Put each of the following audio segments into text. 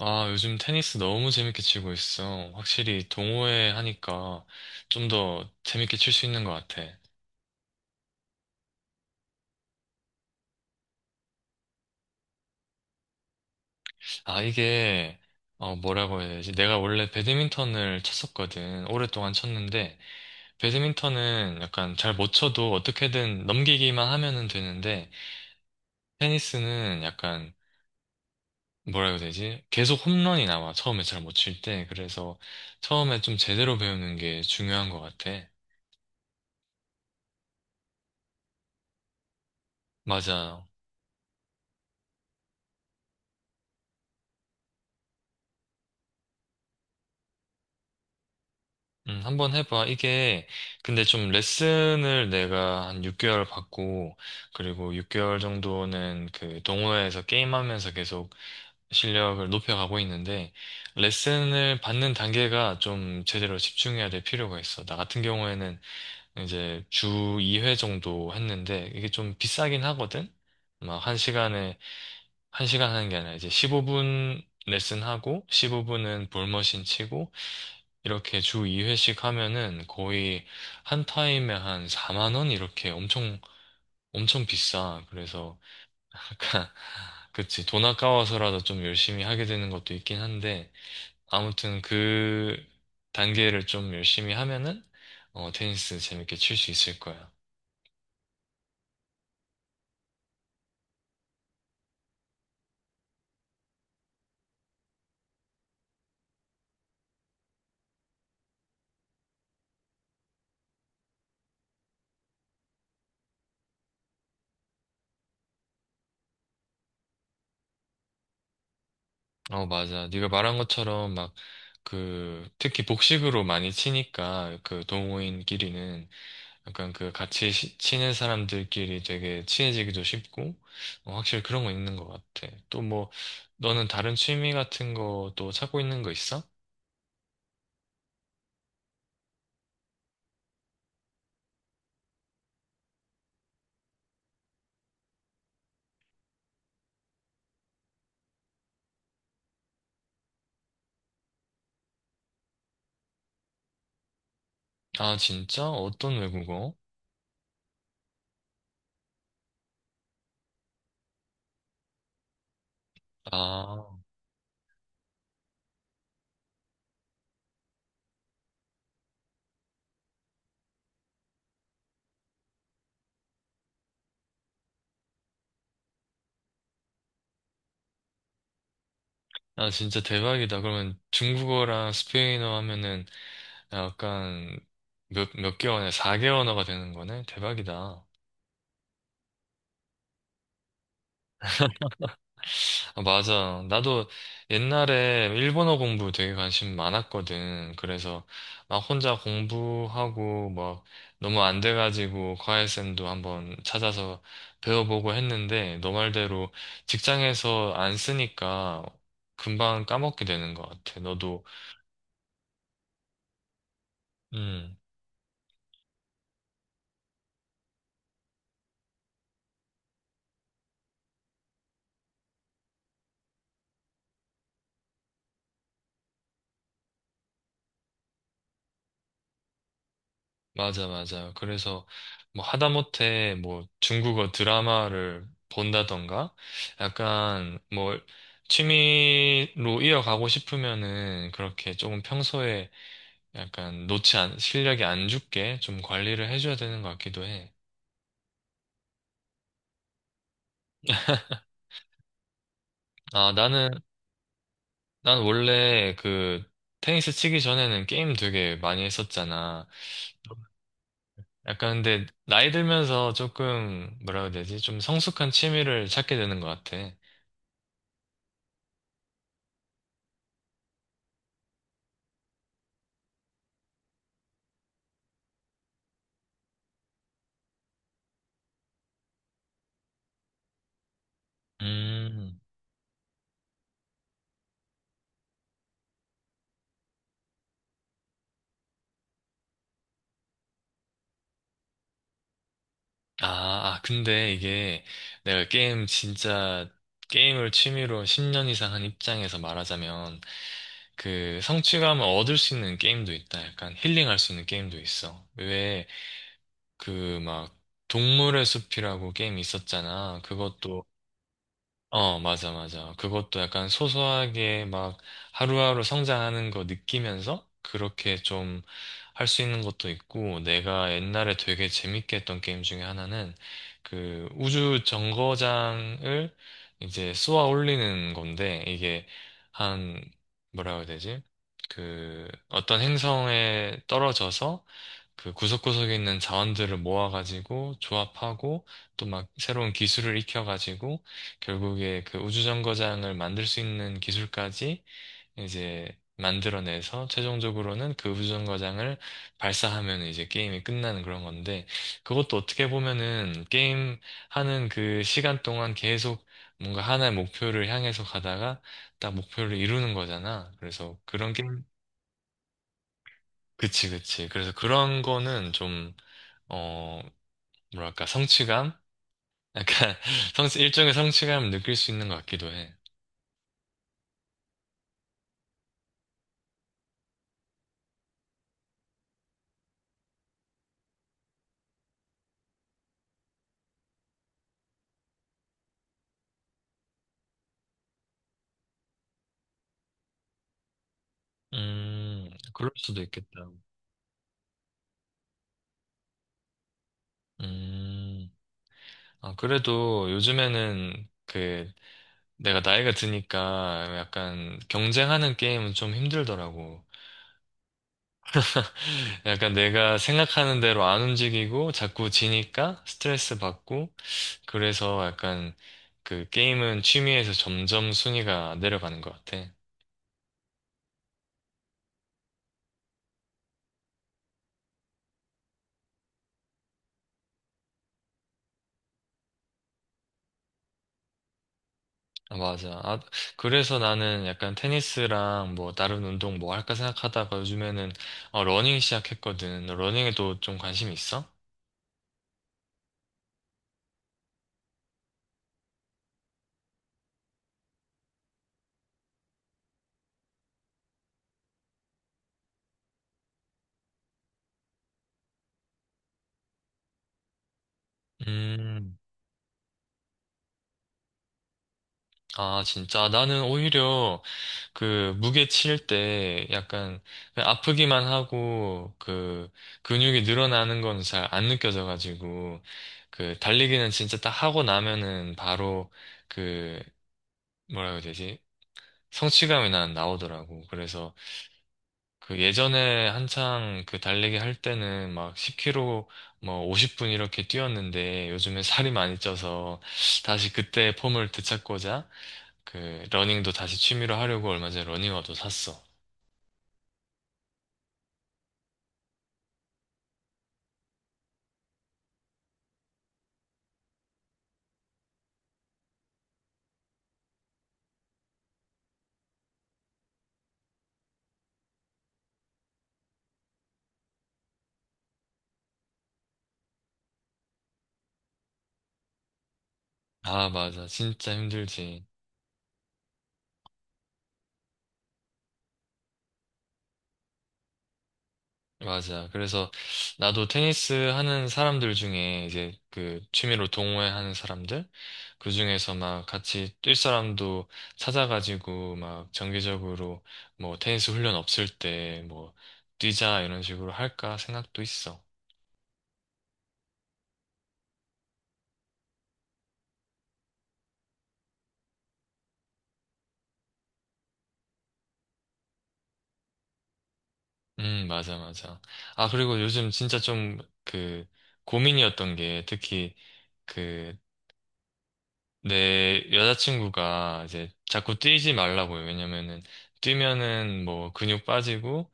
아, 요즘 테니스 너무 재밌게 치고 있어. 확실히 동호회 하니까 좀 더 재밌게 칠 수 있는 것 같아. 아, 이게, 뭐라고 해야 되지? 내가 원래 배드민턴을 쳤었거든. 오랫동안 쳤는데, 배드민턴은 약간 잘 못 쳐도 어떻게든 넘기기만 하면은 되는데, 테니스는 약간, 뭐라고 해야 되지? 계속 홈런이 나와. 처음에 잘 못 칠 때. 그래서 처음에 좀 제대로 배우는 게 중요한 것 같아. 맞아. 한번 해봐. 이게, 근데 좀 레슨을 내가 한 6개월 받고, 그리고 6개월 정도는 그 동호회에서 게임하면서 계속 실력을 높여가고 있는데, 레슨을 받는 단계가 좀 제대로 집중해야 될 필요가 있어. 나 같은 경우에는 이제 주 2회 정도 했는데, 이게 좀 비싸긴 하거든? 막 한 시간에, 한 시간 하는 게 아니라 이제 15분 레슨하고, 15분은 볼머신 치고, 이렇게 주 2회씩 하면은 거의 한 타임에 한 4만 원 이렇게 엄청 엄청 비싸. 그래서 약간 그치, 돈 아까워서라도 좀 열심히 하게 되는 것도 있긴 한데 아무튼 그 단계를 좀 열심히 하면은 어, 테니스 재밌게 칠 수 있을 거야. 어 맞아. 네가 말한 것처럼 막 그 특히 복식으로 많이 치니까 그 동호인끼리는 약간 그 같이 친한 사람들끼리 되게 친해지기도 쉽고, 어, 확실히 그런 건 있는 것 같아. 또 뭐, 너는 다른 취미 같은 거 또 찾고 있는 거 있어? 아, 진짜? 어떤 외국어? 아, 아, 진짜 대박이다. 그러면 중국어랑 스페인어 하면은 약간 몇 개월에 4개 언어가 되는 거네? 대박이다. 아, 맞아. 나도 옛날에 일본어 공부 되게 관심 많았거든. 그래서 막 혼자 공부하고 막 너무 안 돼가지고 과외쌤도 한번 찾아서 배워보고 했는데 너 말대로 직장에서 안 쓰니까 금방 까먹게 되는 것 같아. 너도, 음, 맞아, 맞아. 그래서 뭐 하다못해 뭐 중국어 드라마를 본다던가 약간 뭐 취미로 이어가고 싶으면은 그렇게 조금 평소에 약간 실력이 안 죽게 좀 관리를 해줘야 되는 것 같기도 해. 아, 나는, 난 원래 그 테니스 치기 전에는 게임 되게 많이 했었잖아. 약간 근데 나이 들면서 조금 뭐라 해야 되지? 좀 성숙한 취미를 찾게 되는 것 같아. 음. 아, 아, 근데 이게 내가 게임 진짜 게임을 취미로 10년 이상 한 입장에서 말하자면 그 성취감을 얻을 수 있는 게임도 있다. 약간 힐링할 수 있는 게임도 있어. 왜 그 막 동물의 숲이라고 게임이 있었잖아. 그것도 어, 맞아, 맞아. 그것도 약간 소소하게 막 하루하루 성장하는 거 느끼면서 그렇게 좀 할 수 있는 것도 있고, 내가 옛날에 되게 재밌게 했던 게임 중에 하나는 그 우주 정거장을 이제 쏘아 올리는 건데, 이게 한, 뭐라고 해야 되지? 그 어떤 행성에 떨어져서 그 구석구석에 있는 자원들을 모아가지고 조합하고 또 막 새로운 기술을 익혀가지고 결국에 그 우주정거장을 만들 수 있는 기술까지 이제 만들어내서 최종적으로는 그 우주정거장을 발사하면 이제 게임이 끝나는 그런 건데 그것도 어떻게 보면은 게임 하는 그 시간 동안 계속 뭔가 하나의 목표를 향해서 가다가 딱 목표를 이루는 거잖아. 그래서 그런 게임, 그치, 그치. 그래서 그런 거는 좀, 어, 뭐랄까, 성취감? 약간 성취, 일종의 성취감을 느낄 수 있는 것 같기도 해. 그럴 수도 있겠다. 음, 아, 그래도 요즘에는 그 내가 나이가 드니까 약간 경쟁하는 게임은 좀 힘들더라고. 약간 내가 생각하는 대로 안 움직이고 자꾸 지니까 스트레스 받고 그래서 약간 그 게임은 취미에서 점점 순위가 내려가는 것 같아. 아, 맞아. 아, 그래서 나는 약간 테니스랑 뭐 다른 운동 뭐 할까 생각하다가 요즘에는 어, 러닝 시작했거든. 너 러닝에도 좀 관심 있어? 음, 아, 진짜. 나는 오히려 그 무게 칠 때 약간 그냥 아프기만 하고 그 근육이 늘어나는 건 잘 안 느껴져가지고 그 달리기는 진짜 딱 하고 나면은 바로 그 뭐라고 해야 되지? 성취감이 난 나오더라고. 그래서 그 예전에 한창 그 달리기 할 때는 막 10km 뭐 50분 이렇게 뛰었는데 요즘에 살이 많이 쪄서 다시 그때 폼을 되찾고자 그 러닝도 다시 취미로 하려고 얼마 전에 러닝화도 샀어. 아, 맞아. 진짜 힘들지. 맞아. 그래서 나도 테니스 하는 사람들 중에 이제 그 취미로 동호회하는 사람들 그 중에서 막 같이 뛸 사람도 찾아가지고 막 정기적으로 뭐 테니스 훈련 없을 때 뭐 뛰자 이런 식으로 할까 생각도 있어. 맞아, 맞아. 아, 그리고 요즘 진짜 좀 그 고민이었던 게 특히 그 내 여자친구가 이제 자꾸 뛰지 말라고요. 왜냐면은 뛰면은 뭐 근육 빠지고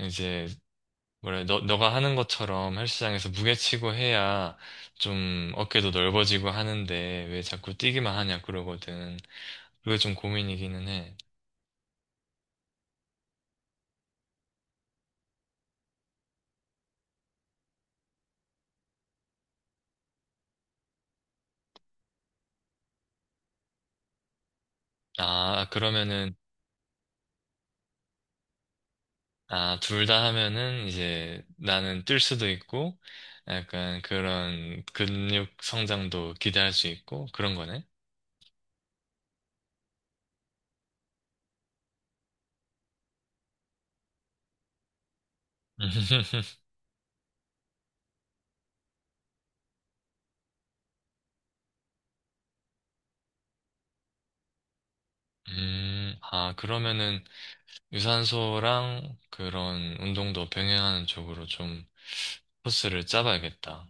이제 뭐래. 너 너가 하는 것처럼 헬스장에서 무게치고 해야 좀 어깨도 넓어지고 하는데 왜 자꾸 뛰기만 하냐 그러거든. 그게 좀 고민이기는 해. 아, 그러면은 아, 둘 다 하면은 이제 나는 뛸 수도 있고 약간 그런 근육 성장도 기대할 수 있고 그런 거네. 아, 그러면은 유산소랑 그런 운동도 병행하는 쪽으로 좀 코스를 짜봐야겠다.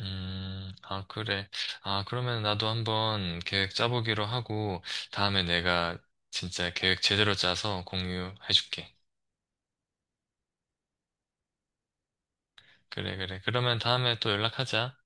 아, 그래. 아, 그러면 나도 한번 계획 짜보기로 하고, 다음에 내가 진짜 계획 제대로 짜서 공유해줄게. 그래, 그래. 그러면 다음에 또 연락하자.